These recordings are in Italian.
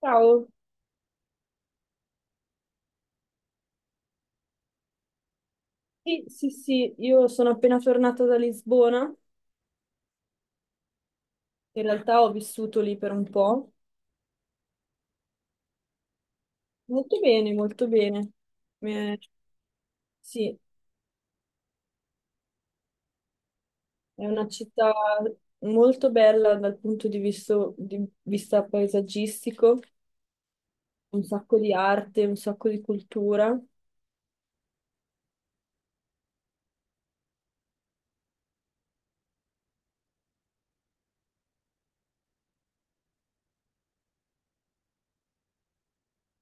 Ciao, sì, sì, sì, io sono appena tornata da Lisbona, in realtà ho vissuto lì per un po', molto bene, molto bene. Eh, sì, è una città molto bella dal punto di vista paesaggistico, un sacco di arte, un sacco di cultura.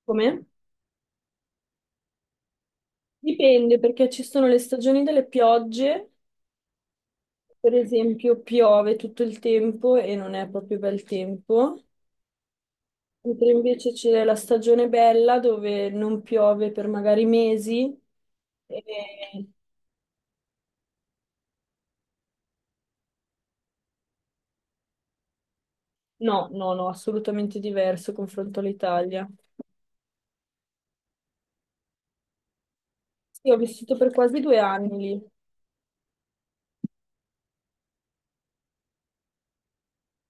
Com'è? Dipende perché ci sono le stagioni delle piogge, per esempio piove tutto il tempo e non è proprio bel tempo. Mentre invece c'è la stagione bella dove non piove per magari mesi. E- No, no, no, assolutamente diverso confronto all'Italia. Sì, ho vissuto per quasi 2 anni lì,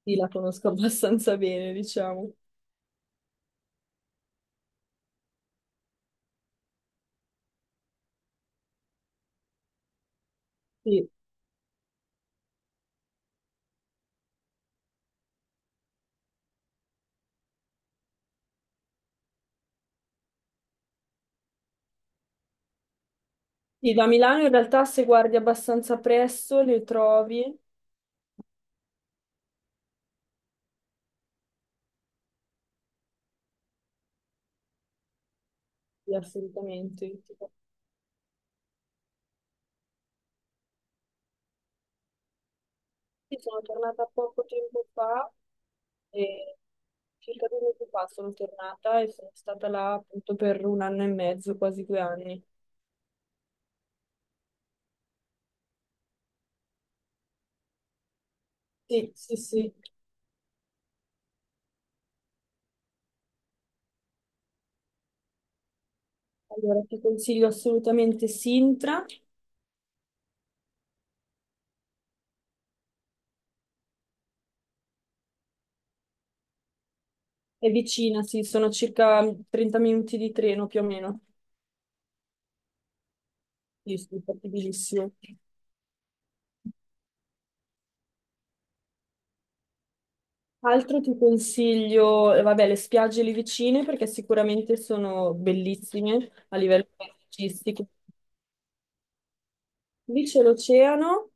sì, la conosco abbastanza bene, diciamo. Sì. Sì, da Milano in realtà se guardi abbastanza presto le trovi, sì, assolutamente. Sì, sono tornata poco tempo fa, e circa 2 mesi fa sono tornata e sono stata là appunto per un anno e mezzo, quasi 2 anni. Sì, sì, sì. Allora ti consiglio assolutamente Sintra, è vicina, sì, sono circa 30 minuti di treno più o meno. Sì, sì, fattibilissimo. Altro ti consiglio, vabbè, le spiagge lì vicine perché sicuramente sono bellissime a livello paesaggistico. Lì c'è l'oceano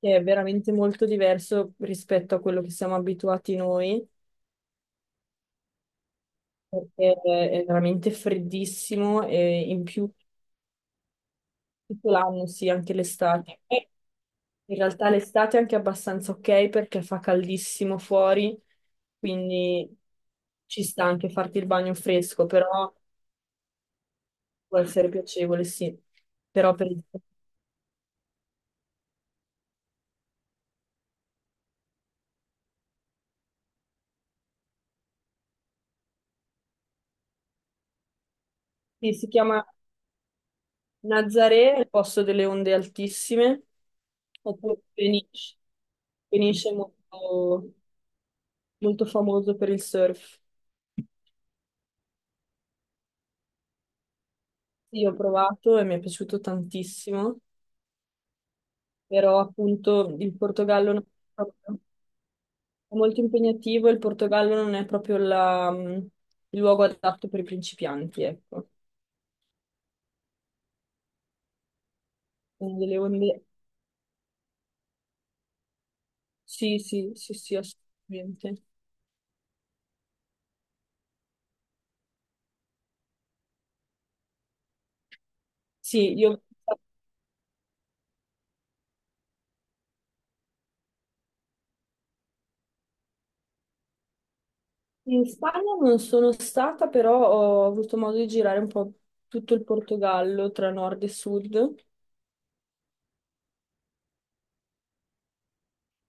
che è veramente molto diverso rispetto a quello che siamo abituati noi, perché è veramente freddissimo e in più tutto l'anno, sì, anche l'estate. E in realtà l'estate è anche abbastanza ok perché fa caldissimo fuori, quindi ci sta anche farti il bagno fresco, però può essere piacevole, sì. Però per esempio, sì, si chiama Nazaré, è il posto delle onde altissime, oppure Peniche. Peniche è molto famoso per il surf. Sì, ho provato e mi è piaciuto tantissimo, però appunto il Portogallo non è proprio- è molto impegnativo, e il Portogallo non è proprio la, il luogo adatto per i principianti, ecco. Quindi le onde... Sì, sì, sì, sì, assolutamente. Sì, io in Spagna non sono stata, però ho avuto modo di girare un po' tutto il Portogallo tra nord e sud.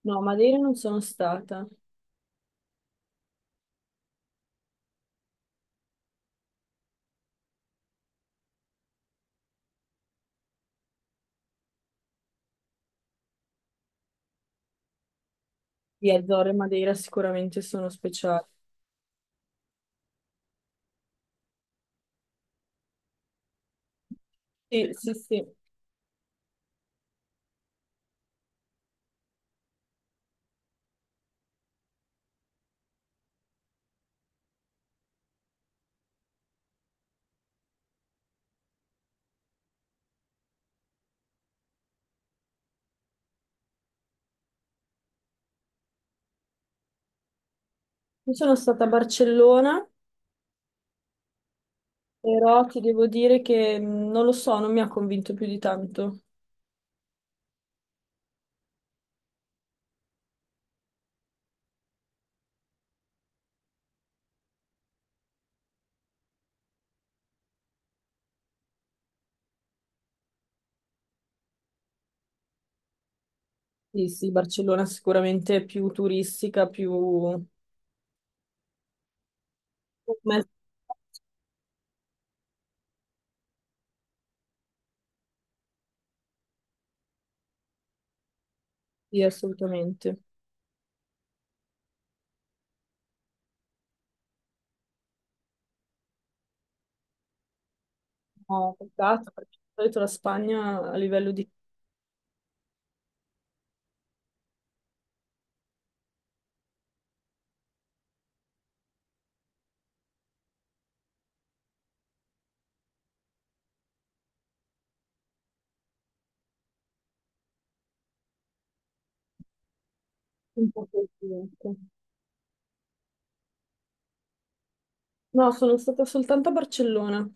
No, Madeira non sono stata. Sì, Azzorre e Madeira sicuramente sono speciali. Sì, sì, sì. Io sono stata a Barcellona, però ti devo dire che non lo so, non mi ha convinto più di tanto. Sì, sì, Barcellona sicuramente è più turistica, più... Sì, assolutamente. No, peccato, perché di solito la Spagna a livello di... un po' così, ecco. No, sono stata soltanto a Barcellona. Ho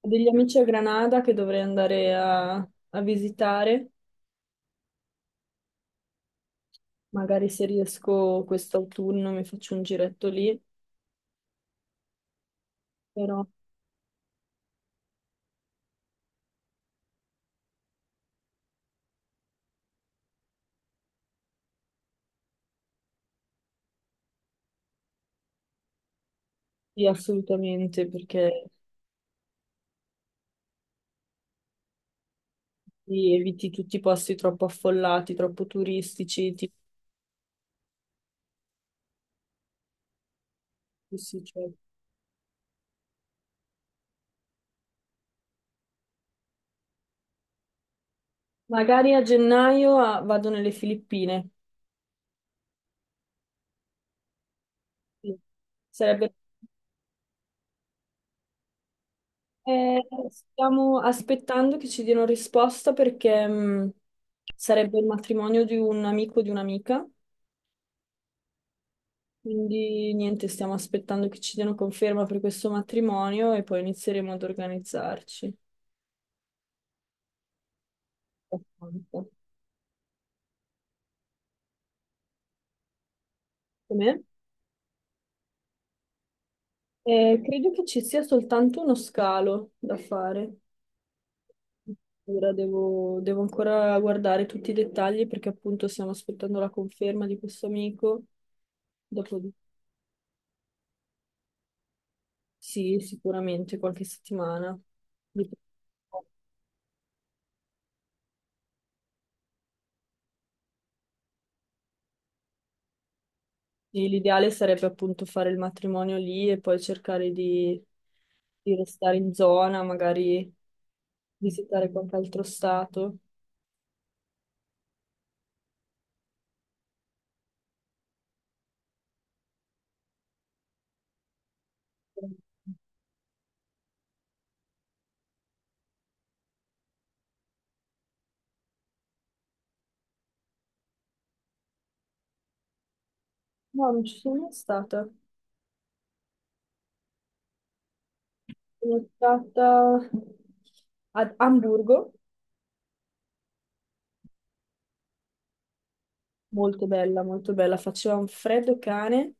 degli amici a Granada che dovrei andare a visitare. Magari se riesco quest'autunno mi faccio un giretto lì, però sì, assolutamente, perché lì eviti tutti i posti troppo affollati, troppo turistici. Sì, cioè. Magari a gennaio ah, vado nelle Filippine. Sì. Sarebbe... stiamo aspettando che ci diano risposta perché sarebbe il matrimonio di un amico e di un'amica. Quindi niente, stiamo aspettando che ci diano conferma per questo matrimonio e poi inizieremo ad organizzarci. Abbastanza. Com'è? Credo che ci sia soltanto uno scalo da fare. Ora devo ancora guardare tutti i dettagli perché appunto stiamo aspettando la conferma di questo amico. Dopo sì, sicuramente qualche settimana. Dip- sì, l'ideale sarebbe appunto fare il matrimonio lì e poi cercare di restare in zona, magari visitare qualche altro stato. No, non ci sono mai stata. Sono stata ad Amburgo, molto bella, faceva un freddo cane.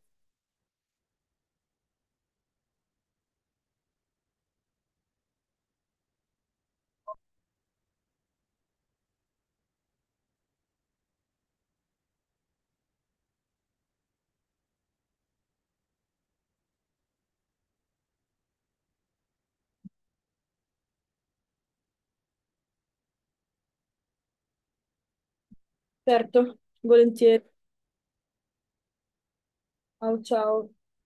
Certo, volentieri. Ciao, ciao.